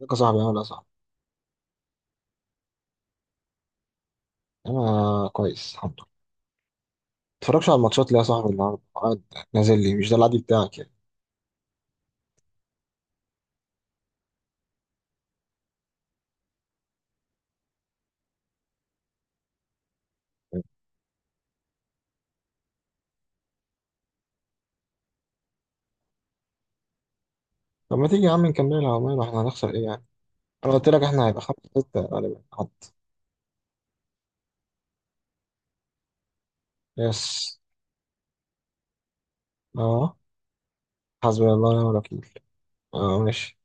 ازيك يا صاحبي، عامل ايه يا صاحبي؟ انا كويس الحمد لله. متفرجش على الماتشات ليه يا صاحبي؟ النهارده قاعد نازل لي، مش ده العادي بتاعك يعني. طب ما تيجي يا عم نكملها، عمال احنا هنخسر ايه يعني. انا قلت لك احنا هيبقى خمسة ستة غالبا حد. يس. اه، حسبي الله ونعم الوكيل. اه، ماشي.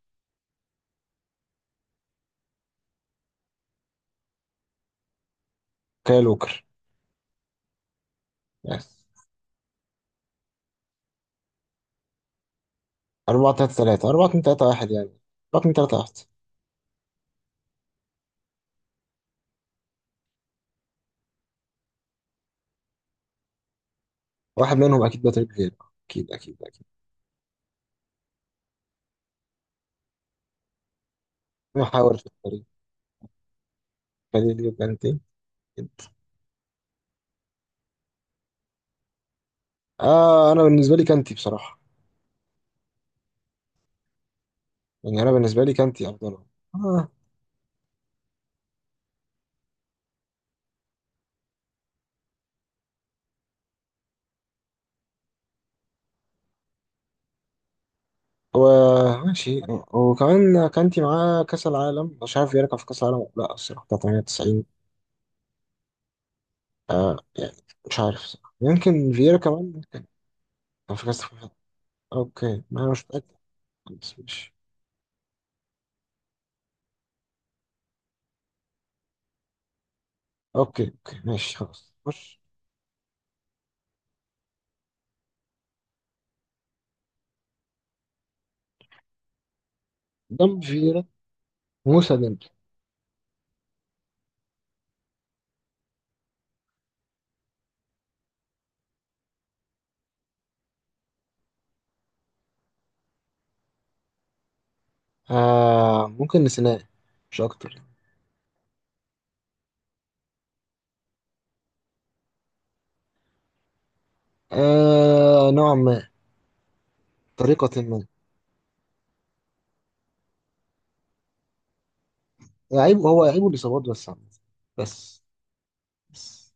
كاي ووكر. يس. 4-3-3، 4-2-3-1 يعني، 4-2-3-1. واحد منهم أكيد باتريك فيرا، أكيد أكيد أكيد. ما حاولش في الطريق، خليل يبقى أنت. آه، أنا بالنسبة لي كانتي بصراحة، يعني أنا بالنسبة لي كانتي أفضل. آه. وماشي. وكمان كانتي معاه كأس العالم، مش عارف فييرا كان في كأس العالم ولا لا الصراحة، بتاع 98. آه يعني مش عارف الصراحة. يمكن فييرا كمان كان في كأس العالم. اوكي ما انا مش متأكد، بس ماشي. اوكي اوكي ماشي، خلاص بص. قدام فييرا موسى ديمبلي. آه ممكن نسيناه، مش اكتر. آه، نوعا ما، طريقة ما. لعيب، هو لعيبه الإصابات بس عامة. بس، بس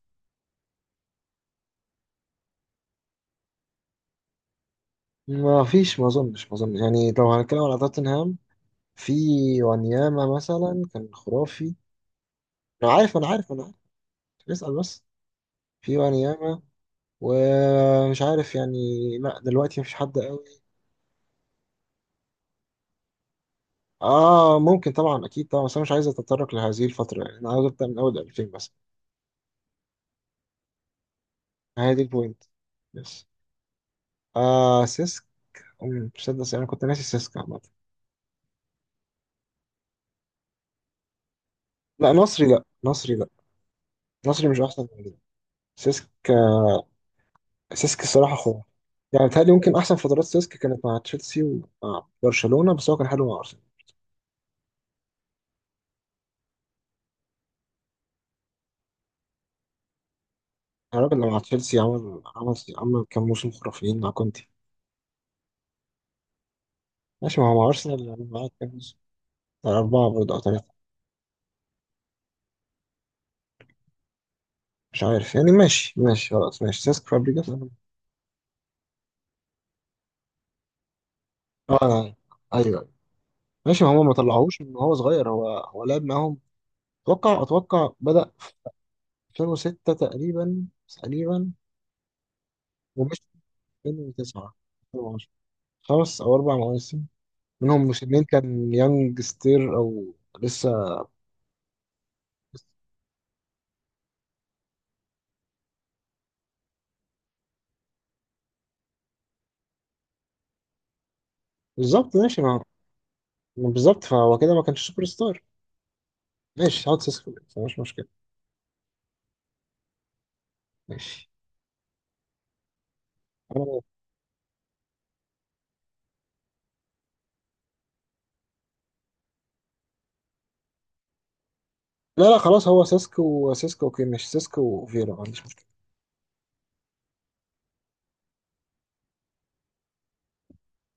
ما فيش، ما اظنش يعني، لو هنتكلم على توتنهام، في وانياما مثلا كان خرافي. انا عارف انا عارف انا عارف، اسأل بس. في وانياما، ومش عارف يعني، لا دلوقتي مفيش حد قوي. اه ممكن طبعا، اكيد طبعا، بس انا مش عايز اتطرق لهذه الفترة يعني، انا عاوز ابدا من اول 2000 بس. هي دي البوينت، بس. آه سيسك. تصدق انا كنت ناسي سيسك عامة. لا نصري لا نصري لا، نصري مش احسن من كده. سيسك، سيسك الصراحة خرافي. يعني بيتهيألي ممكن أحسن فترات سيسك كانت مع تشيلسي ومع برشلونة، بس هو كان حلو مع أرسنال. الراجل اللي مع تشيلسي عمل كام موسم خرافيين مع كونتي. ماشي، ما هو مع أرسنال يعني معاه كام موسم؟ أربعة برضه أو ثلاثة. مش عارف يعني، ماشي ماشي خلاص، ماشي سيسك فابريجاس أنا. أه أنا، أيوه أيوه ماشي. ما هو ما طلعوهوش من هو صغير، هو هو لعب معاهم. أتوقع بدأ في 2006 تقريبا، تقريبا. ومشي في 2009 2010، 5 أو 4 مواسم، منهم موسمين كان يانج ستير أو لسه. بالظبط ماشي ما، ما بالظبط، فهو كده ما كانش سوبر ستار. ماشي هقعد سيسكو بس، مش مشكلة. ماشي. أنا... لا لا خلاص، هو سيسكو، وسيسكو اوكي ماشي. سيسكو وفيرا ما عنديش مشكلة.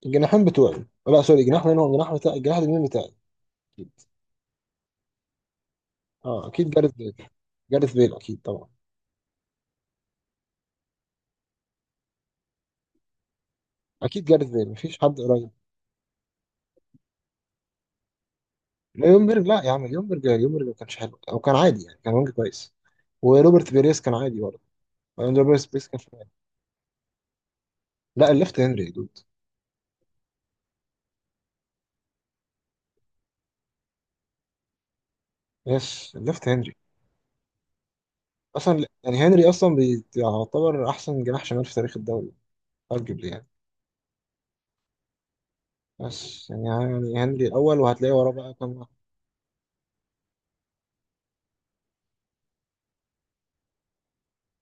الجناحين بتوعي، لا سوري، الجناح، مين هو الجناح بتاعي، الجناح اليمين بتاعي؟ أكيد. اه اكيد جاريث بيل، جاريث بيل اكيد طبعا. اكيد جاريث بيل مفيش حد قريب. لا يومبرج، لا يا عم يومبرج، يومبرج ما كانش حلو او كان عادي يعني، كان وينج كويس. وروبرت بيريس كان عادي برضه، وأنا روبرت بيريس كان شمال. لا الليفت هنري يا دود. يس الليفت هنري. اصلا يعني هنري اصلا بيعتبر احسن جناح شمال في تاريخ الدوري ارجبلي يعني. بس يعني، يعني هنري الأول، وهتلاقي وراه بقى كام واحد.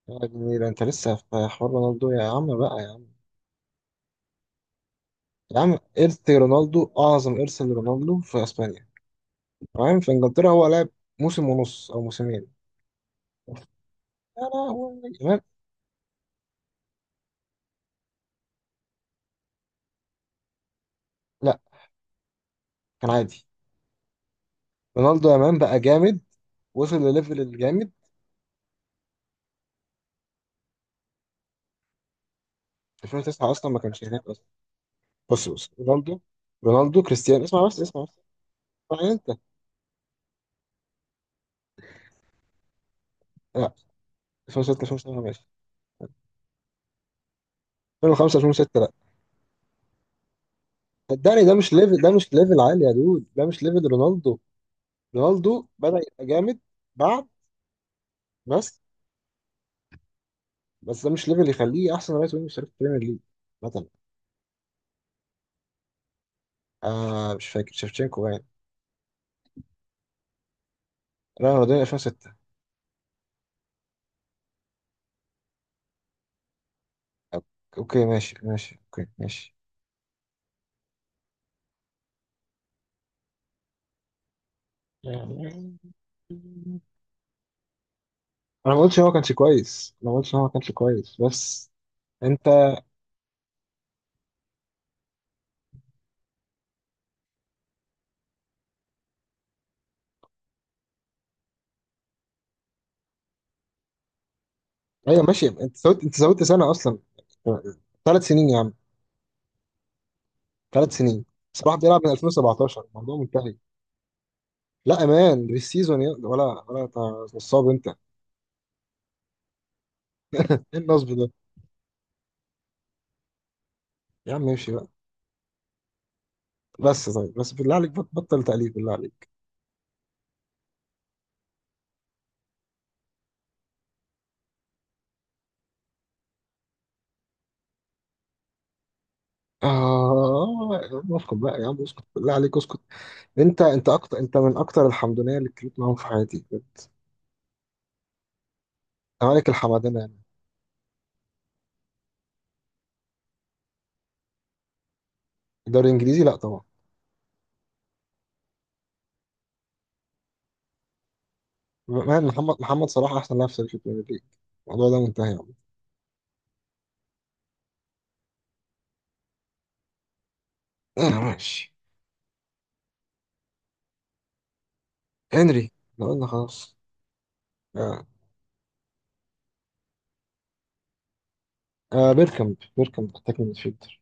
يا جميل، انت لسه في حوار رونالدو يا عم، بقى يا عم. يا عم ارث رونالدو، اعظم ارث لرونالدو في اسبانيا تمام، في انجلترا هو لعب موسم ونص او موسمين. يا لهوي يا. لا، كان عادي. رونالدو يا مان بقى جامد، وصل لليفل الجامد 2009 اصلا ما كانش هناك اصلا. بص بص رونالدو. رونالدو كريستيانو، اسمع بس اسمع بس. اسمعني انت. لا 2006 2007 ماشي، 2005 2006. صدقني، ده مش ليفل، ده مش ليفل عالي يا دود، ده مش ليفل رونالدو. رونالدو بدأ يبقى جامد بعد. بس، بس ده مش ليفل يخليه احسن رايت وينج في تاريخ البريمير ليج مثلا. آه مش فاكر، شيفتشينكو باين. لا رونالدينيو 2006. أوك- اوكي ماشي ماشي اوكي ماشي. يعني انا ما قلتش ان هو ما كانش كويس، انا ما قلتش ان هو ما كانش كويس بس. انت. ايوه ماشي، انت زودت سنه اصلا، 3 سنين يا عم، 3 سنين. صلاح بيلعب من 2017، الموضوع منتهي. لا امان مش سيزون ولا ولا نصاب انت ايه؟ النصب ده، يا عم امشي بقى. بس طيب بس بالله عليك، بطل تقليد بالله عليك. اه يا عم اسكت بقى يا عم، اسكت بالله عليك اسكت. انت اكتر، انت من اكتر الحمدونيه اللي اتكلمت معاهم في حياتي انت. مالك الحمدانه يعني. الدوري الانجليزي لا طبعا. مان، محمد صلاح احسن لاعب في تاريخ البريمير ليج، الموضوع ده منتهي يا عم. انا ماشي. هنري. لو قلنا خلاص. آه. آه، بيركامب، بيركامب محتاج من فيلتر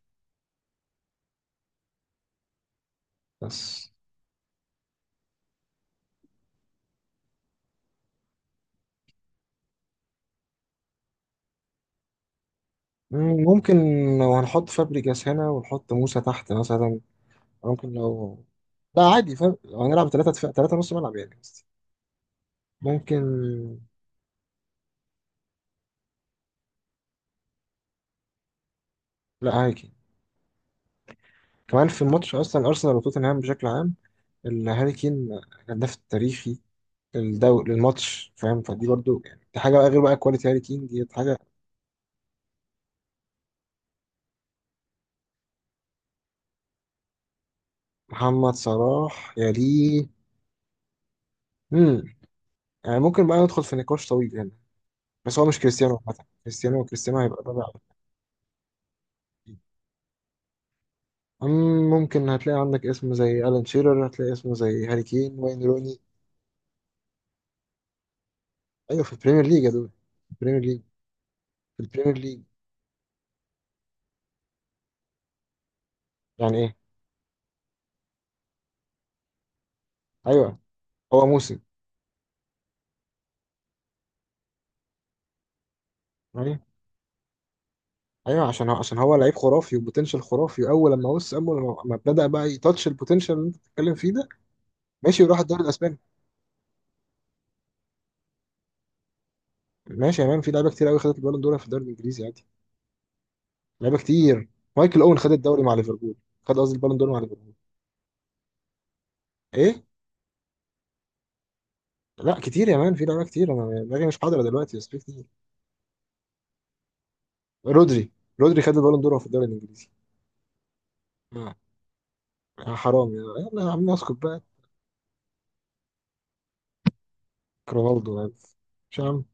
بس. مم، ممكن لو هنحط فابريجاس هنا ونحط موسى تحت مثلا، ممكن لو. لا عادي فاهم، لو هنلعب ثلاثة دفاع ثلاثة نص ملعب يعني قصدي، ممكن. لا هاري كين، كمان في الماتش أصلا أرسنال وتوتنهام بشكل عام، الهاري كين الهداف التاريخي للدوري للماتش فاهم، فدي برضو يعني دي حاجة، بقى غير بقى كواليتي هاري كين دي حاجة. محمد صلاح يا ليه. مم. يعني ممكن بقى ندخل في نقاش طويل هنا، بس هو مش كريستيانو عامة، كريستيانو كريستيانو هيبقى الرابع. أم ممكن هتلاقي عندك اسم زي ألان شيرر، هتلاقي اسم زي هاري كين وين روني. أيوة في البريمير ليج يا دول، في البريمير ليج. في البريمير ليج يعني إيه. أيوة هو موسم. أيوة أيوة، عشان هو لعيب خرافي وبوتنشال خرافي، أول لما وصل، أول لما ابتدى بقى يتاتش البوتنشال اللي أنت بتتكلم فيه ده. ماشي وراح الدوري الأسباني. ماشي يا مان، في لعيبة كتير أوي خدت البالون دور في الدوري الإنجليزي عادي. لعيبة كتير. مايكل أوين خد الدوري مع ليفربول، خد قصدي البالون دور مع ليفربول. إيه. لا كتير يا مان، في لعيبة كتير، أنا دماغي مش حاضرة دلوقتي، بس في كتير. رودري. رودري خد البالون دور في الدوري الانجليزي. مم. آه، حرام، يا يلا يا عم اسكت بقى. رونالدو يعني. مش عم